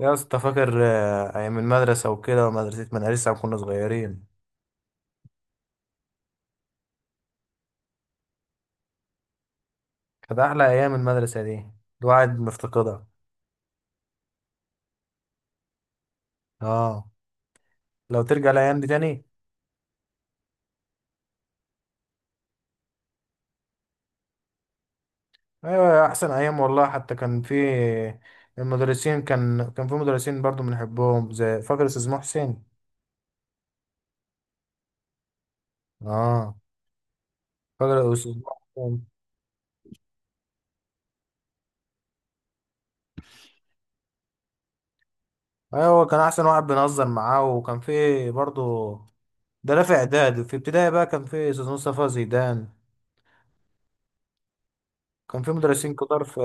يا اسطى فاكر ايام المدرسه وكده، ومدرسه كنا صغيرين. كانت احلى ايام المدرسه دي، الواحد مفتقدها. اه، لو ترجع الايام دي تاني. ايوه احسن ايام والله، حتى كان في المدرسين، كان في مدرسين برضو بنحبهم، زي فاكر استاذ محسن. اه، فاكر استاذ محسن. ايوه كان احسن واحد بنهزر معاه، وكان في برضو، ده لا في اعداد، في ابتدائي بقى كان في استاذ مصطفى زيدان، كان في مدرسين كتار في.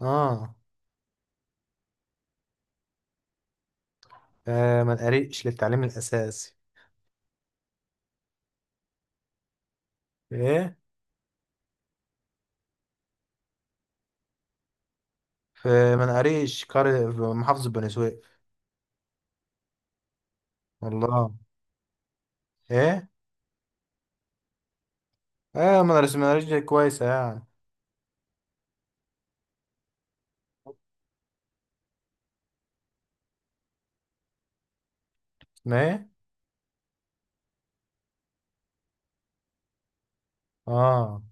اه منقريش للتعليم الأساسي. إيه، في منقريش، قرية في محافظة بني سويف. والله. إيه. مدرسة منقريش دي كويسة يعني. اسمها إيه؟ آه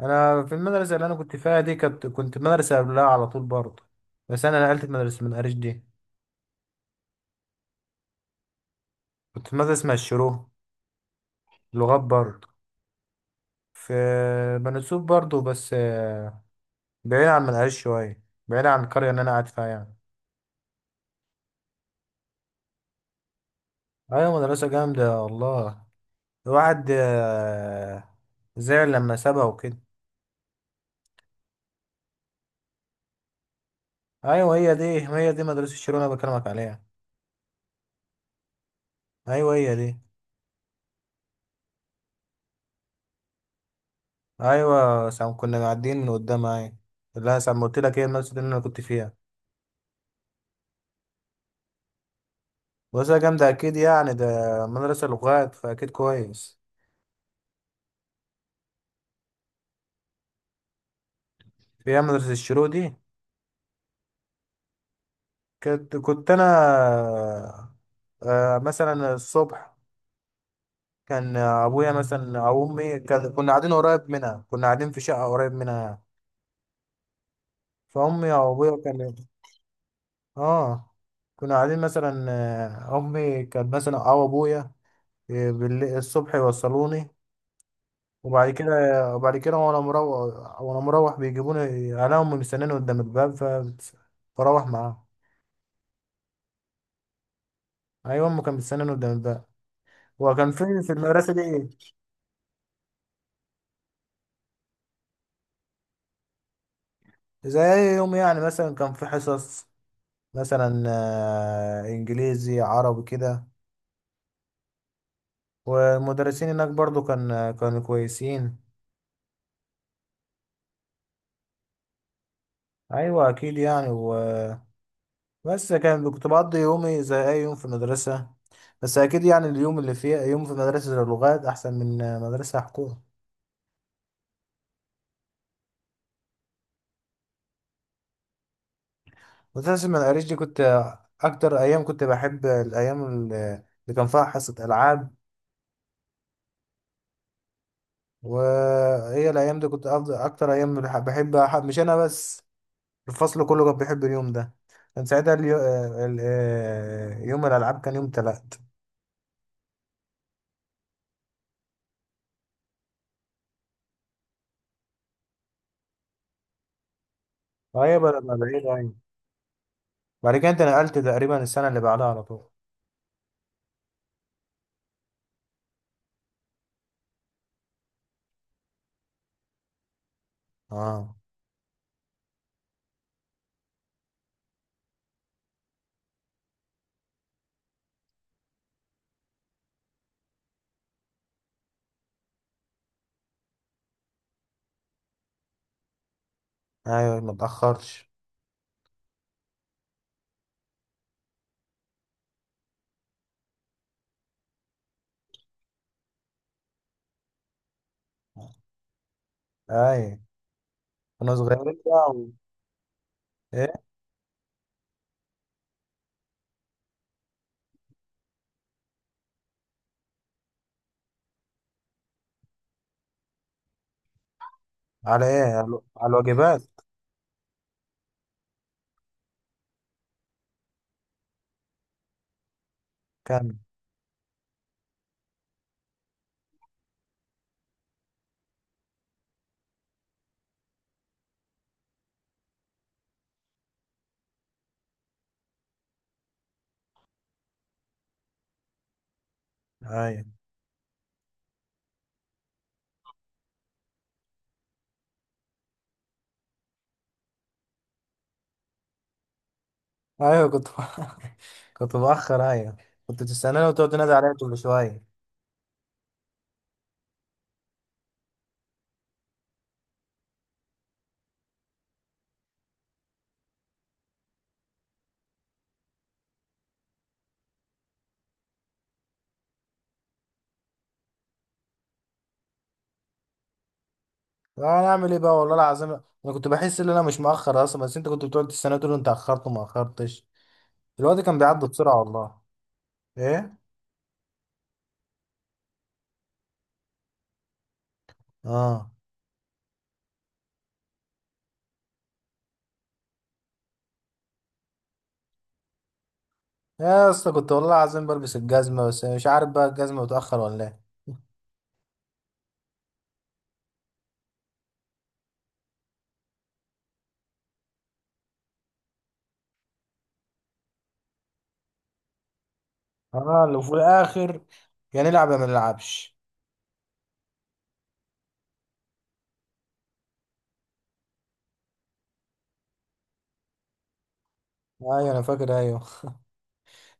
أنا في المدرسة اللي أنا كنت فيها دي، كنت في مدرسة قبلها على طول برضه. بس أنا نقلت في مدرسة منقريش دي. كنت في مدرسة اسمها الشروق، لغات برضه، في بني سويف برضه، بس بعيد عن منقريش شوية، بعيد عن القرية اللي أنا قاعد فيها يعني. أيوة، مدرسة جامدة والله. الواحد زعل لما سابها وكده. ايوه هي دي، هي دي مدرسة شيرون انا بكلمك عليها. ايوه هي دي. ايوه سام، كنا معديين من قدامها، ايوه. لا سام قلت لك، هي المدرسة دي اللي انا كنت فيها. مدرسة جامدة اكيد يعني ده، مدرسة لغات فاكيد كويس. فيها مدرسة الشيرو دي. كنت انا مثلا الصبح كان ابويا مثلا او امي، كنا قاعدين في شقة قريب منها. فامي او ابويا كان اه كنا قاعدين مثلا، امي كانت مثلا او ابويا، الصبح يوصلوني. وبعد كده، وانا مروح بيجيبوني. انا امي مستناني قدام الباب، فبروح معاهم. ايوه امي كانت مستناني قدام الباب. وكان في المدرسه دي زي اي يوم يعني، مثلا كان في حصص مثلا، انجليزي عربي كده. والمدرسين هناك برضو كانوا كويسين. ايوه اكيد يعني. بس كنت بقضي يومي زي أي يوم في المدرسة. بس أكيد يعني اليوم اللي فيه يوم في مدرسة اللغات أحسن من مدرسة حكومة. مدرسة المدارس دي، كنت أكتر أيام كنت بحب الأيام اللي كان فيها حصة ألعاب. وهي الأيام دي كنت أفضل أكتر أيام بحب، مش أنا بس، الفصل كله كان بيحب اليوم ده. كان ساعتها اليو... ال- آه، يوم الألعاب كان يوم تلات. أيوة بعد ما بعيد أيوة. بعد كده أنت نقلت تقريبا السنة اللي بعدها على طول. أه. أيوة ما تأخرش. اي، كنا صغيرين بقى و... ايه؟ على الواجبات. كامل. اي. ايوه كنت بأخر، ايوه. كنت تستناني وتقعد تنادي عليا كل شويه. انا اعمل ايه بقى، والله العظيم انا كنت بحس ان انا مش مأخر اصلا، بس انت كنت بتقعد تستناني تقول انت اخرت، وما اخرتش. الوقت كان بيعدي بسرعه والله. ايه؟ اه يا اسطى، كنت والله العظيم بلبس الجزمه، بس مش عارف بقى الجزمه متأخر ولا ايه. اه، لو في الاخر يا نلعب يا ما نلعبش. ايوه انا فاكر، ايوه.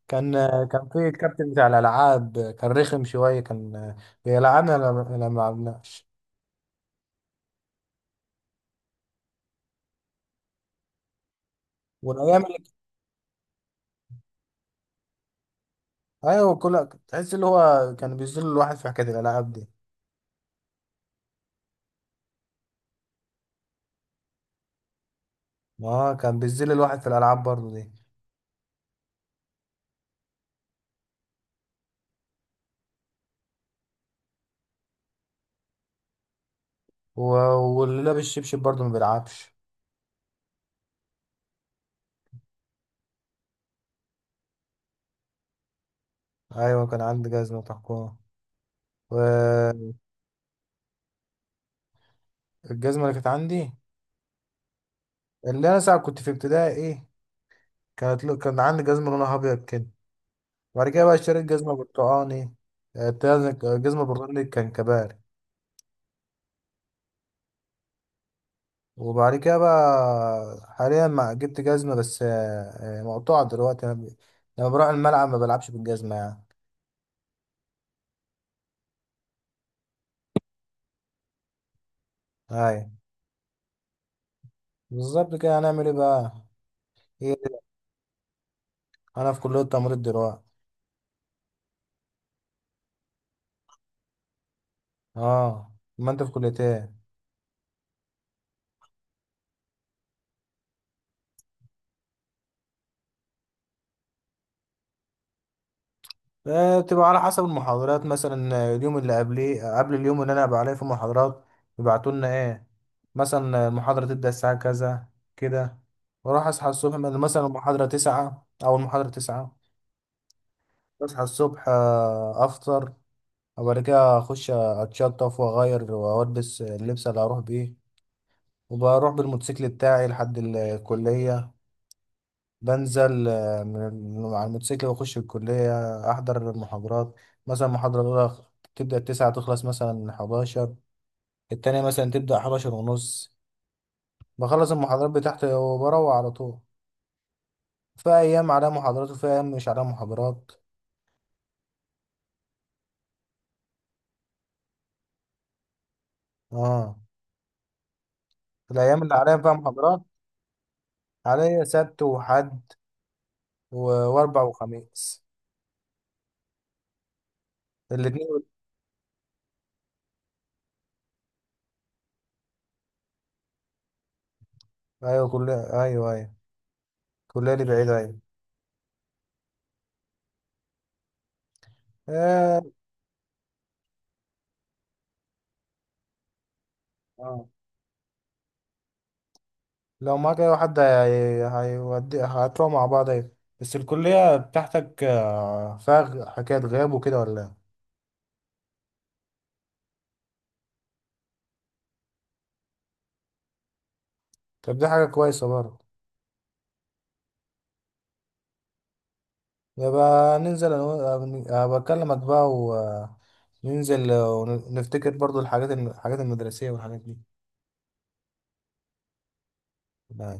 كان كان في الكابتن بتاع الالعاب كان رخم شويه، كان بيلعبنا لما ما لعبناش. والايام اللي، ايوه، كل تحس اللي هو كان بيذل الواحد في حكايه الالعاب دي. اه كان بيذل الواحد في الالعاب برضه دي. و... واللي لابس شبشب برضه ما بيلعبش. ايوه كان عندي جزمه تحكم. والجزمه اللي كانت عندي، اللي انا ساعه كنت في ابتدائي، ايه، كانت كان عندي جزمه لونها ابيض كده، وبعد كده بقى اشتريت جزمه برتقاني. آه، الجزمه البرتقاني كان كبار. وبعد كده بقى حاليا ما جبت جزمة، بس مقطوعة دلوقتي. لما بروح الملعب ما بلعبش بالجزمة يعني. هاي. بالظبط كده، هنعمل ايه بقى. هي دي. انا في كلية تمريض دلوقتي. اه ما انت في كلية ايه؟ بتبقى على حسب المحاضرات. مثلا اليوم اللي قبليه، قبل اليوم اللي انا هبقى عليه في محاضرات، يبعتوا لنا ايه، مثلا المحاضرة تبدأ الساعة كذا كده. واروح اصحى الصبح، مثلا المحاضرة 9 او المحاضرة 9. اصحى الصبح، افطر، وبعد كده اخش اتشطف واغير والبس اللبس اللي هروح بيه، وبروح بالموتوسيكل بتاعي لحد الكلية. بنزل من على الموتوسيكل واخش الكلية، احضر المحاضرات. مثلا المحاضرة الاولى تبدأ ال 9 تخلص مثلا 11، التانية مثلا تبدأ 11:30. بخلص المحاضرات بتاعتي وبروح على طول. في ايام عليها محاضرات، وفي ايام مش عليها محاضرات. اه. الايام اللي عليها فيها محاضرات، عليا سبت وحد، و- واربع وخميس، الاتنين. ايوه، كلية، ايوه ايوه. كلية دي بعيدة، ايوه. آه. اه لو معاك اي حد، هيودي هتروح مع بعض، ايوه. بس الكلية بتاعتك فيها حكاية غياب وكده ولا إيه؟ طب دي حاجة كويسة برضه. يبقى ننزل انا أبقى اكلمك بقى، وننزل ونفتكر برضه الحاجات الحاجات المدرسية والحاجات دي